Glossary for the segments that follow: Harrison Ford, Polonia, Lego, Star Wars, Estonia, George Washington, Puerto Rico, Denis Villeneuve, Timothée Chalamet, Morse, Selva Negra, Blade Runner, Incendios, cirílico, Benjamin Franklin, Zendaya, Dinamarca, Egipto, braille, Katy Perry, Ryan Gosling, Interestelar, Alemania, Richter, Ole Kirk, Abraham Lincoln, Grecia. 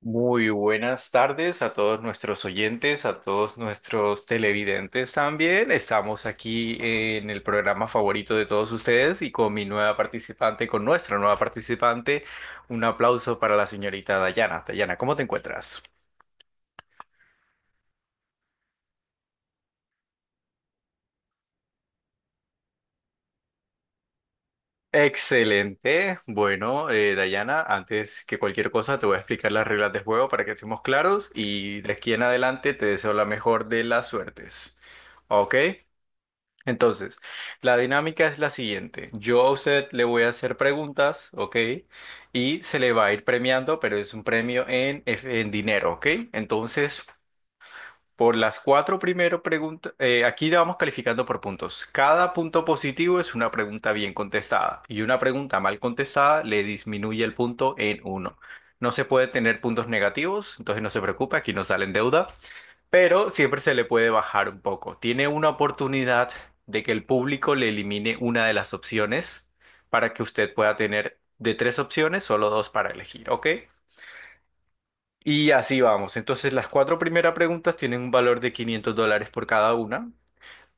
Muy buenas tardes a todos nuestros oyentes, a todos nuestros televidentes también. Estamos aquí en el programa favorito de todos ustedes y con mi nueva participante, con nuestra nueva participante, un aplauso para la señorita Dayana. Dayana, ¿cómo te encuentras? Excelente. Bueno, Dayana, antes que cualquier cosa te voy a explicar las reglas del juego para que estemos claros y de aquí en adelante te deseo la mejor de las suertes. ¿Ok? Entonces, la dinámica es la siguiente. Yo a usted le voy a hacer preguntas, ¿ok? Y se le va a ir premiando, pero es un premio en dinero, ¿ok? Entonces, por las cuatro primero preguntas, aquí la vamos calificando por puntos. Cada punto positivo es una pregunta bien contestada y una pregunta mal contestada le disminuye el punto en uno. No se puede tener puntos negativos, entonces no se preocupe, aquí no sale en deuda pero siempre se le puede bajar un poco. Tiene una oportunidad de que el público le elimine una de las opciones para que usted pueda tener de tres opciones, solo dos para elegir, ¿ok? Y así vamos. Entonces las cuatro primeras preguntas tienen un valor de 500 dólares por cada una.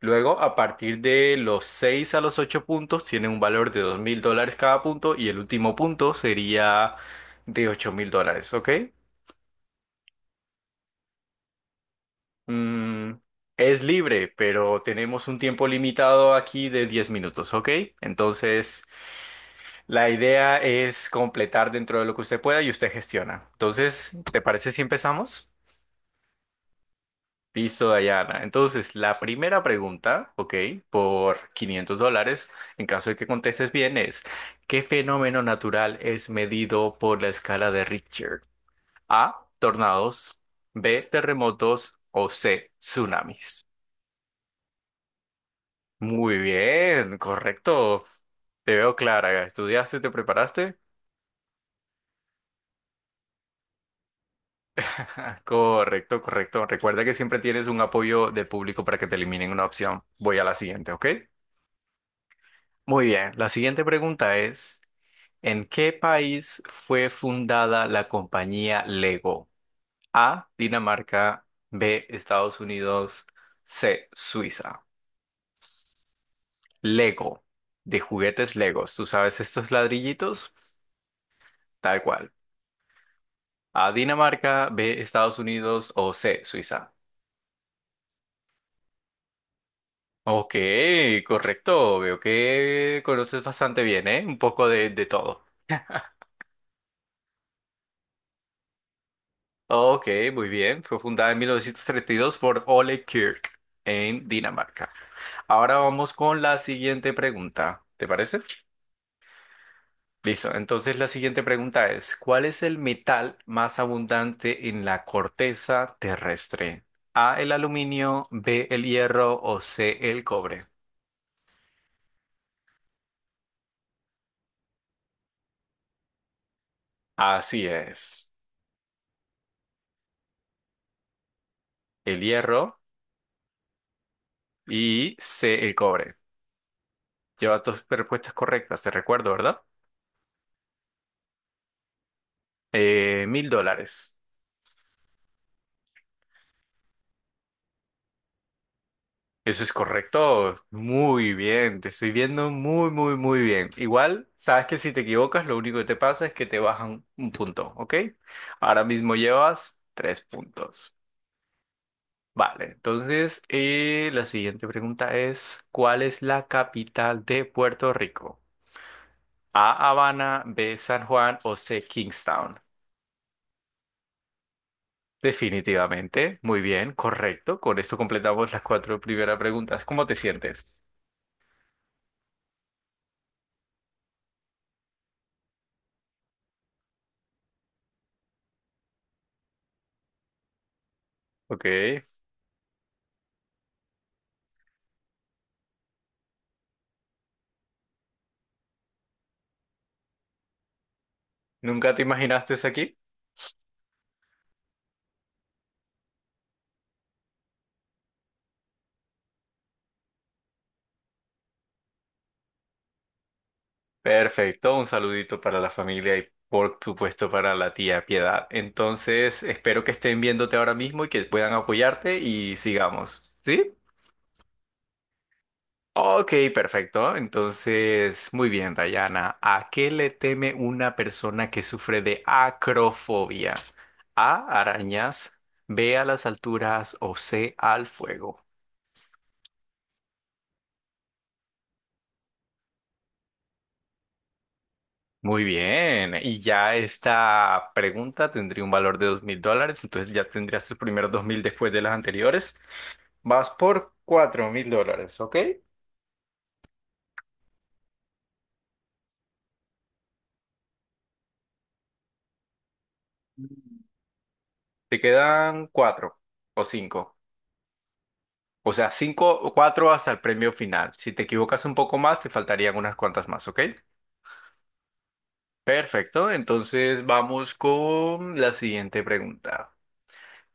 Luego, a partir de los 6 a los 8 puntos, tienen un valor de 2000 dólares cada punto y el último punto sería de 8000 dólares, ¿ok? Mm, es libre, pero tenemos un tiempo limitado aquí de 10 minutos, ¿ok? Entonces, la idea es completar dentro de lo que usted pueda y usted gestiona. Entonces, ¿te parece si empezamos? Listo, Dayana. Entonces, la primera pregunta, ¿ok? Por 500 dólares, en caso de que contestes bien, es, ¿qué fenómeno natural es medido por la escala de Richter? A, tornados, B, terremotos o C, tsunamis. Muy bien, correcto. Te veo clara. ¿Estudiaste, te preparaste? Correcto, correcto. Recuerda que siempre tienes un apoyo del público para que te eliminen una opción. Voy a la siguiente, ¿ok? Muy bien. La siguiente pregunta es, ¿en qué país fue fundada la compañía Lego? A, Dinamarca, B, Estados Unidos, C, Suiza. Lego, de juguetes Legos. ¿Tú sabes estos ladrillitos? Tal cual. A Dinamarca, B, Estados Unidos o C, Suiza. Ok, correcto. Veo que conoces bastante bien, ¿eh? Un poco de todo. Ok, muy bien. Fue fundada en 1932 por Ole Kirk en Dinamarca. Ahora vamos con la siguiente pregunta. ¿Te parece? Listo. Entonces la siguiente pregunta es, ¿cuál es el metal más abundante en la corteza terrestre? A, el aluminio, B, el hierro o C, el cobre. Así es. El hierro y C, el cobre. Lleva dos respuestas correctas, te recuerdo, ¿verdad? Mil dólares. Eso es correcto. Muy bien, te estoy viendo muy, muy, muy bien. Igual, sabes que si te equivocas, lo único que te pasa es que te bajan un punto, ¿ok? Ahora mismo llevas tres puntos. Vale, entonces la siguiente pregunta es, ¿cuál es la capital de Puerto Rico? A, Habana, B, San Juan o C, Kingstown. Definitivamente, muy bien, correcto. Con esto completamos las cuatro primeras preguntas. ¿Cómo te sientes? Ok, ¿nunca te imaginaste aquí? Perfecto, un saludito para la familia y por supuesto para la tía Piedad. Entonces, espero que estén viéndote ahora mismo y que puedan apoyarte y sigamos. ¿Sí? Ok, perfecto. Entonces, muy bien, Dayana. ¿A qué le teme una persona que sufre de acrofobia? A, arañas, B, a las alturas o C, al fuego. Muy bien. Y ya esta pregunta tendría un valor de dos mil dólares. Entonces ya tendrías tus primeros 2000 después de las anteriores. Vas por 4000 dólares, ¿ok? Te quedan cuatro o cinco. O sea, cinco o cuatro hasta el premio final. Si te equivocas un poco más, te faltarían unas cuantas más, ¿ok? Perfecto. Entonces vamos con la siguiente pregunta.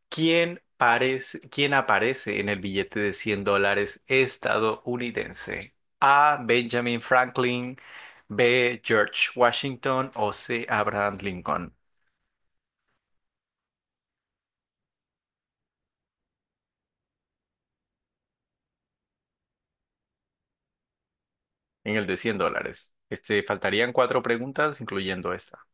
¿Quién aparece en el billete de 100 dólares estadounidense? A, Benjamin Franklin. B, George Washington o C, Abraham Lincoln. En el de 100 dólares. Este, faltarían cuatro preguntas, incluyendo esta.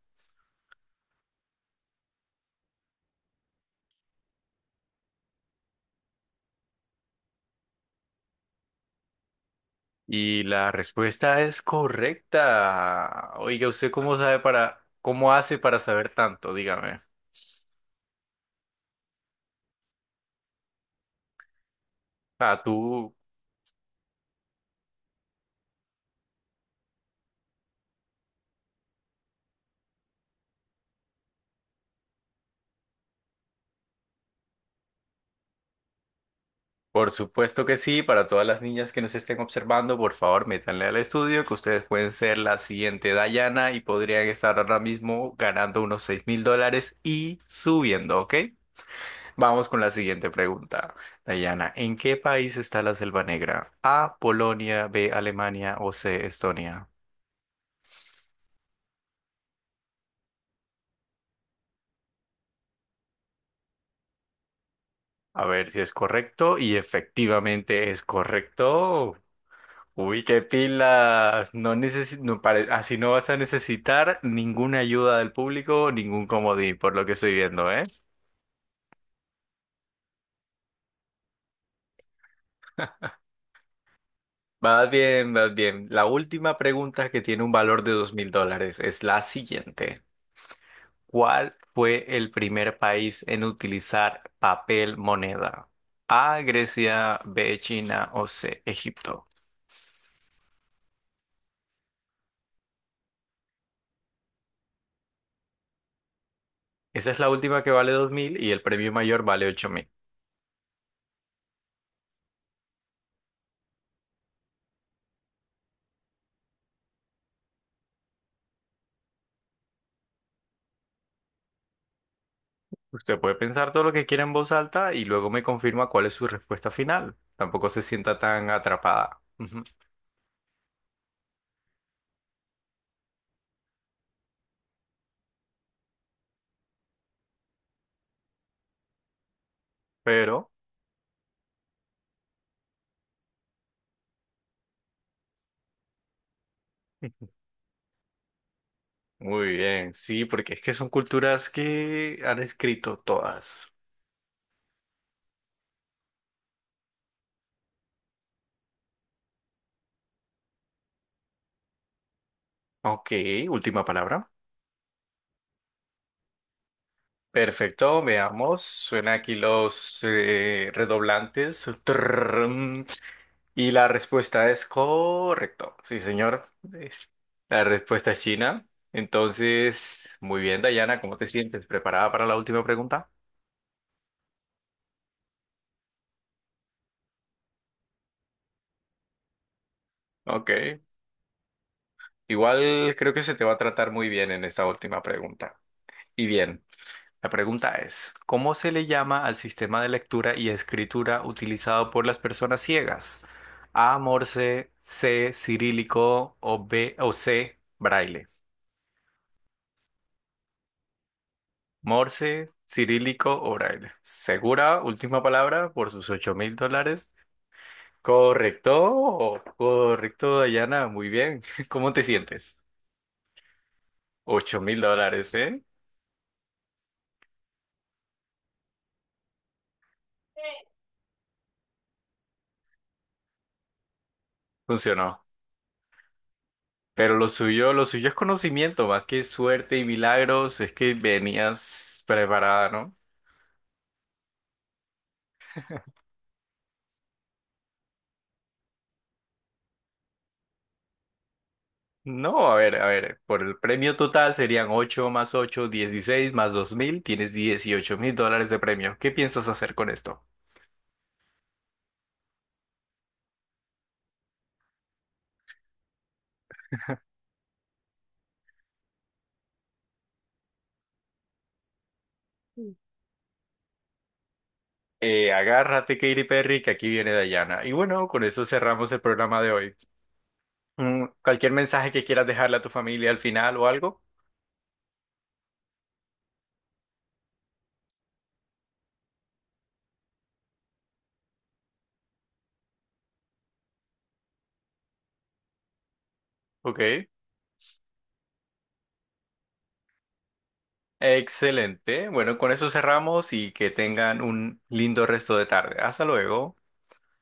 Y la respuesta es correcta. Oiga, ¿usted cómo sabe para, cómo hace para saber tanto? Dígame. Ah, tú, por supuesto que sí. Para todas las niñas que nos estén observando, por favor, métanle al estudio que ustedes pueden ser la siguiente Dayana y podrían estar ahora mismo ganando unos 6000 dólares y subiendo, ¿ok? Vamos con la siguiente pregunta. Dayana, ¿en qué país está la Selva Negra? A, Polonia, B, Alemania o C, Estonia. A ver si es correcto y efectivamente es correcto. Uy, qué pilas. Así no vas a necesitar ninguna ayuda del público, ningún comodín, por lo que estoy viendo, ¿eh? Vas bien, vas bien. La última pregunta que tiene un valor de 2000 dólares es la siguiente. ¿Cuál fue el primer país en utilizar papel moneda? A, Grecia, B, China o C, Egipto. Esa es la última que vale 2000 y el premio mayor vale ocho. Usted puede pensar todo lo que quiera en voz alta y luego me confirma cuál es su respuesta final. Tampoco se sienta tan atrapada. Ujú. Pero, muy bien, sí, porque es que son culturas que han escrito todas. Ok, última palabra. Perfecto, veamos. Suena aquí los redoblantes. Trrrrrrm. Y la respuesta es correcto. Sí, señor. Eh, La respuesta es China. Entonces, muy bien, Dayana, ¿cómo te sientes? ¿Preparada para la última pregunta? Ok, igual creo que se te va a tratar muy bien en esta última pregunta. Y bien, la pregunta es, ¿cómo se le llama al sistema de lectura y escritura utilizado por las personas ciegas? A, Morse, C, cirílico o B o C, braille. Morse, cirílico o braille. ¿Segura? Última palabra por sus 8000 dólares. Correcto, correcto, Dayana, muy bien. ¿Cómo te sientes? 8 mil dólares, ¿eh? Funcionó. Pero lo suyo es conocimiento, más que suerte y milagros, es que venías preparada, ¿no? No, a ver, por el premio total serían 8 más 8, 16 más 2000. Tienes 18000 dólares de premio. ¿Qué piensas hacer con esto? Agárrate, Katy Perry, que aquí viene Dayana. Y bueno, con eso cerramos el programa de hoy. ¿Cualquier mensaje que quieras dejarle a tu familia al final o algo? Ok. Excelente. Bueno, con eso cerramos y que tengan un lindo resto de tarde. Hasta luego.